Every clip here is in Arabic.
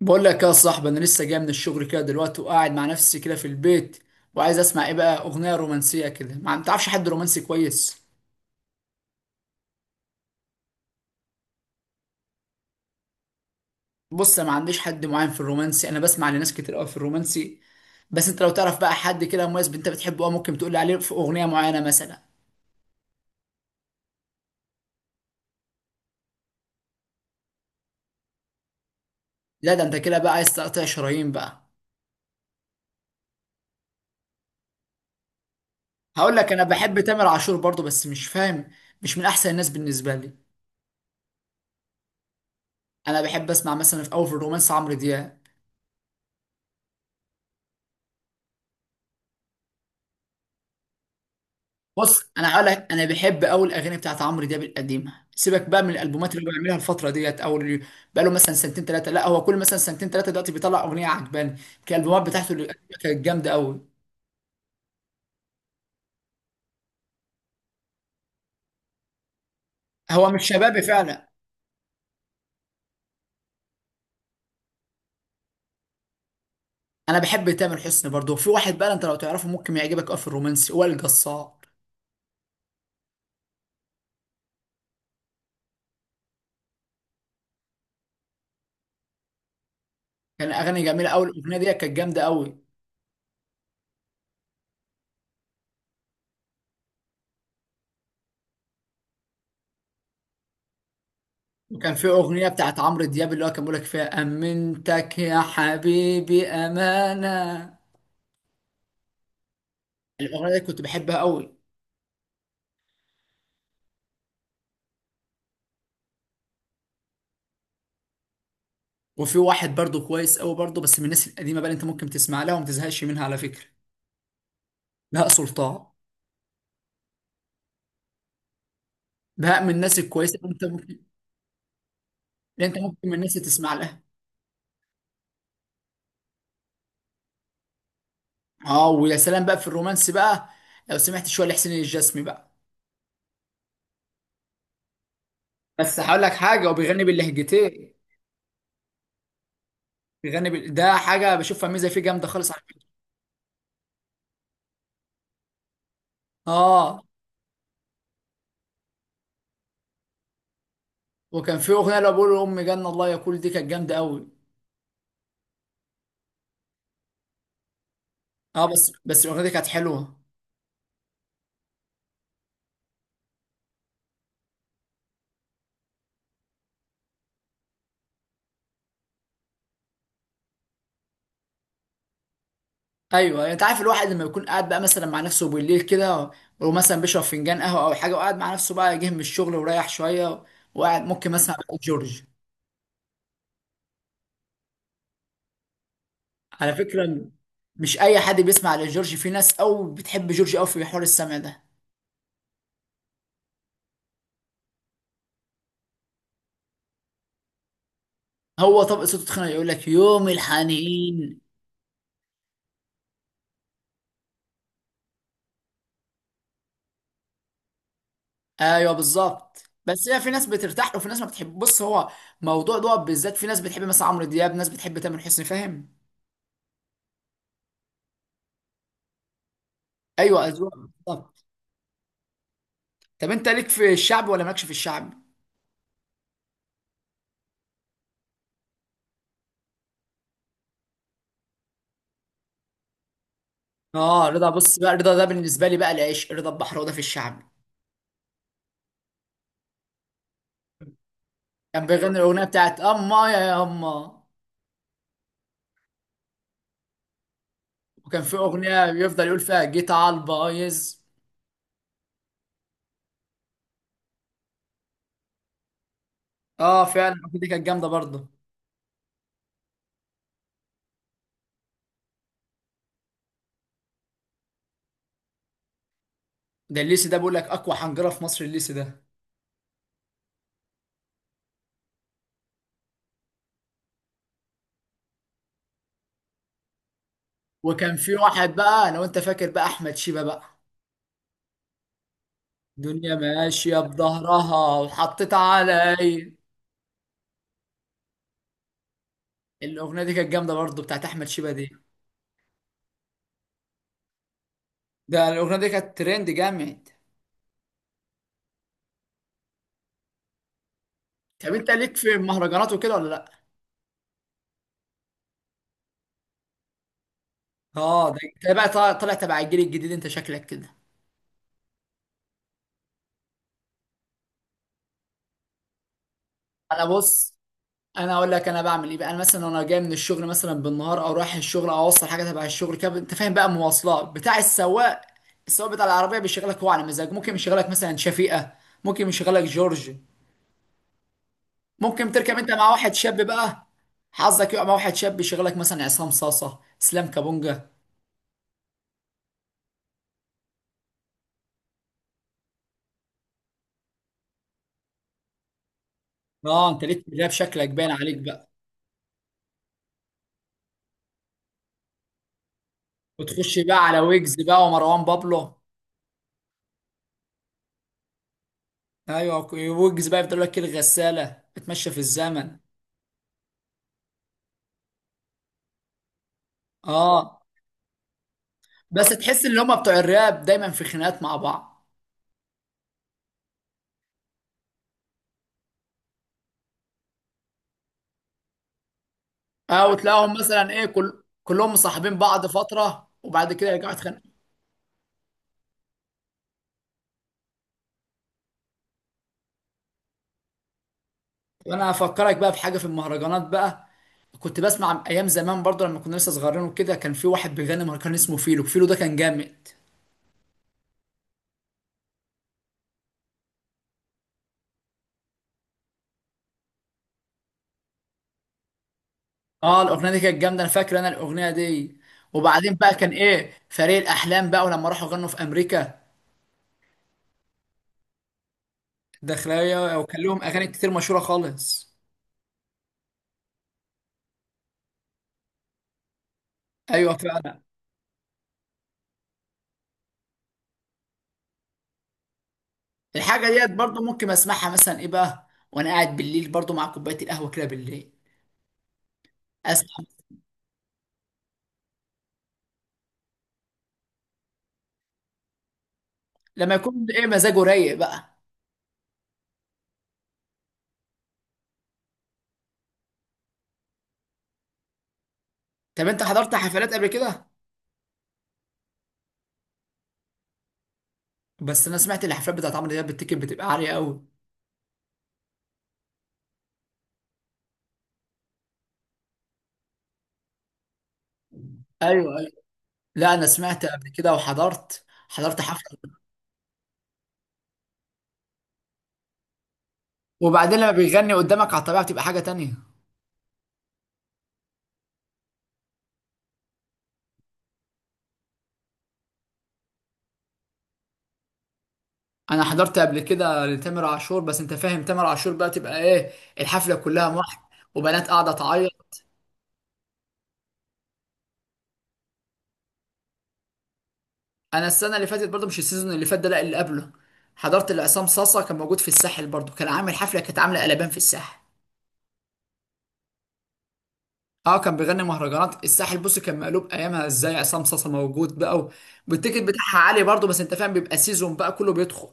بقول لك يا صاحبي، انا لسه جاي من الشغل كده دلوقتي وقاعد مع نفسي كده في البيت، وعايز اسمع ايه بقى. اغنيه رومانسيه كده، ما عن- تعرفش حد رومانسي كويس؟ بص، انا ما عنديش حد معين في الرومانسي، انا بسمع لناس كتير قوي في الرومانسي. بس انت لو تعرف بقى حد كده مميز انت بتحبه، اه، ممكن تقول لي عليه في اغنيه معينه مثلا. لا، ده انت كده بقى عايز تقطع شرايين بقى. هقول لك، انا بحب تامر عاشور برضه بس مش فاهم. مش من احسن الناس بالنسبه لي. انا بحب اسمع مثلا في اول، في الرومانس، عمرو دياب. بص، انا هقول لك، انا بحب اول الاغاني بتاعت عمرو دياب القديمه. سيبك بقى من الالبومات اللي هو بيعملها الفتره ديت، او اللي بقى له مثلا سنتين ثلاثه. لا، هو كل مثلا سنتين ثلاثه دلوقتي بيطلع اغنيه عجباني. كان الالبومات بتاعته اللي قديمة كانت جامده قوي. هو مش شبابي فعلا. انا بحب تامر حسني برضه. في واحد بقى انت لو تعرفه ممكن يعجبك قوي في الرومانسي، وائل جسار. كان اغاني جميله قوي. الاغنيه ديت كانت جامده قوي. وكان في اغنيه بتاعت عمرو دياب اللي هو كان بيقول لك فيها امنتك يا حبيبي امانه. الاغنيه دي كنت بحبها قوي. وفي واحد برضو كويس قوي برضو، بس من الناس القديمه بقى اللي انت ممكن تسمع لها وما تزهقش منها على فكره. بهاء سلطان. بهاء من الناس الكويسه اللي انت ممكن، اللي انت ممكن من الناس اللي تسمع لها. اه، ويا سلام بقى في الرومانس بقى لو سمعت شويه لحسين الجسمي بقى. بس هقول لك حاجه، هو بيغني باللهجتين. ده حاجه بشوفها ميزه فيه جامده خالص على فكره. اه، وكان في اغنيه اللي بقول لامي جنه الله يا كل، دي كانت جامده قوي. اه، بس الاغنيه دي كانت حلوه. ايوه، يعني انت عارف الواحد لما يكون قاعد بقى مثلا مع نفسه بالليل كده، ومثلا بيشرب فنجان قهوه او حاجه، وقاعد مع نفسه بقى، جه من الشغل ورايح شويه، وقاعد ممكن مثلا على جورج. على فكره، مش اي حد بيسمع لجورج. في ناس او بتحب جورج او في حوار السمع ده. هو طبق صوته تخينه، يقول لك يوم الحنين. ايوه بالظبط. بس هي في ناس بترتاح له وفي ناس ما بتحب. بص، هو موضوع ده بالذات، في ناس بتحب مثلا عمرو دياب، ناس بتحب تامر حسني، فاهم؟ ايوه، اذواق بالظبط. طب انت ليك في الشعب ولا مالكش في الشعب؟ اه رضا، بص بقى، رضا ده بالنسبه لي بقى العيش. رضا البحراوي ده في الشعب. كان بيغني الاغنيه بتاعت اما يا يما. وكان في اغنيه بيفضل يقول فيها جيت على البايظ. اه فعلا، الأغنية دي كانت جامده برضه. ده الليسي ده بيقول لك اقوى حنجره في مصر الليسي ده. وكان في واحد بقى لو انت فاكر بقى، احمد شيبه بقى، الدنيا ماشيه بظهرها وحطيت علي. الاغنيه دي كانت جامده برضه، بتاعت احمد شيبه دي. ده الاغنيه دي كانت ترند جامد. طب انت ليك في المهرجانات وكده ولا لا؟ اه، ده انت بقى طالع طالع تبع الجيل الجديد، انت شكلك كده. انا بص انا اقول لك انا بعمل ايه بقى. انا مثلا وانا جاي من الشغل مثلا بالنهار، او رايح الشغل، او اوصل حاجه تبع الشغل كده، انت فاهم بقى، مواصلات بتاع السواق. السواق بتاع العربيه بيشغلك هو على مزاج. ممكن يشغلك مثلا شفيقه، ممكن يشغلك جورج، ممكن تركب انت مع واحد شاب بقى. حظك يقع مع واحد شاب يشغلك مثلا عصام صاصه، اسلام كابونجا. اه انت ليك في الراب، شكلك باين عليك بقى. وتخش بقى على ويجز بقى ومروان بابلو. ايوه، ويوجز بقى بتقول لك إيه الغساله اتمشى في الزمن. اه، بس تحس ان هم بتوع الراب دايما في خناقات مع بعض. اه، وتلاقيهم مثلا ايه، كل كلهم مصاحبين بعض فتره وبعد كده يرجعوا يتخانقوا. وانا هفكرك بقى بحاجه في المهرجانات بقى. كنت بسمع ايام زمان برضه لما كنا لسه صغيرين وكده، كان في واحد بيغني مهرجان اسمه فيلو. فيلو ده كان جامد. اه الاغنيه دي كانت جامده، انا فاكر انا الاغنيه دي. وبعدين بقى كان ايه، فريق الاحلام بقى ولما راحوا غنوا في امريكا. داخلية، وكان لهم أغاني كتير مشهورة خالص. أيوة فعلا. الحاجة ديت برضو ممكن أسمعها مثلا إيه بقى وأنا قاعد بالليل برضو، مع كوباية القهوة كده بالليل أسمع. لما يكون إيه مزاجه رايق بقى. طب أنت حضرت حفلات قبل كده؟ بس أنا سمعت الحفلات بتاعت عمرو دياب بالتيكت بتبقى عالية أوي. أيوة أيوة، لا أنا سمعت قبل كده، وحضرت حفلة. وبعدين لما بيغني قدامك على الطبيعة بتبقى حاجة تانية. أنا حضرت قبل كده لتامر عاشور، بس أنت فاهم تامر عاشور بقى تبقى إيه، الحفلة كلها واحد وبنات قاعدة تعيط. انا السنه اللي فاتت برضو، مش السيزون اللي فات ده، لا اللي قبله، حضرت لعصام صاصا، كان موجود في الساحل برضو، كان عامل حفله كانت عامله قلبان في الساحل. اه كان بيغني مهرجانات الساحل. بص كان مقلوب ايامها، ازاي عصام صاصا موجود بقى، والتيكت بتاعها عالي برضو، بس انت فاهم بيبقى سيزون بقى كله بيدخل.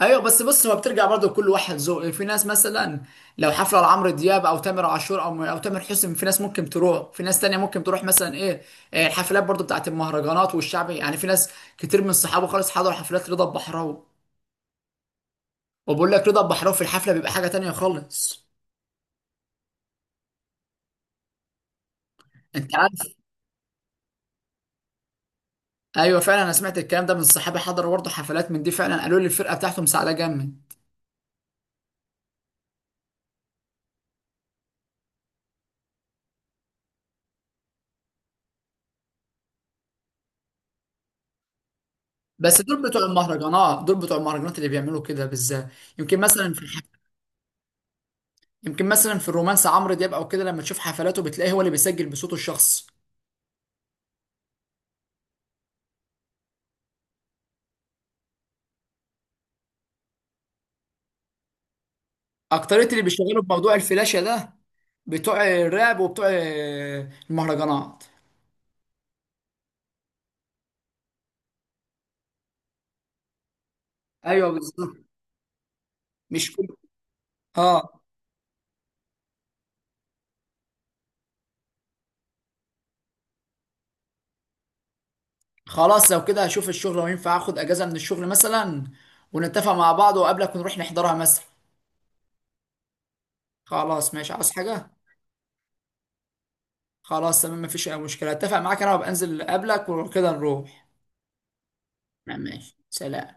ايوه، بس بص، هو بترجع برضو لكل واحد ذوق. في ناس مثلا لو حفله لعمرو دياب او تامر عاشور او تامر حسني، في ناس ممكن تروح، في ناس تانية ممكن تروح مثلا ايه. إيه، الحفلات برضو بتاعت المهرجانات والشعبي، يعني في ناس كتير من صحابه خالص حضروا حفلات رضا البحراوي. وبقول لك رضا البحراوي في الحفله بيبقى حاجه تانية خالص، انت عارف. ايوه فعلا، انا سمعت الكلام ده من صحابي حضروا برضه حفلات من دي، فعلا قالوا لي الفرقه بتاعتهم سعاده جامد. بس دول بتوع المهرجانات، دول بتوع المهرجانات اللي بيعملوا كده بالذات. يمكن مثلا في الح... يمكن مثلا في الرومانس عمرو دياب او كده، لما تشوف حفلاته بتلاقيه هو اللي بيسجل بصوته الشخصي. اكتريه اللي بيشتغلوا بموضوع الفلاشه ده بتوع الراب وبتوع المهرجانات. ايوه بالظبط. مش كل اه خلاص لو كده هشوف الشغل وينفع اخد اجازة من الشغل مثلا، ونتفق مع بعض وقبلك ونروح نحضرها مثلا. خلاص ماشي، عاوز حاجة؟ خلاص تمام، مفيش اي مشكلة، اتفق معاك انا وابقى انزل قبلك وكده نروح. ماشي، سلام.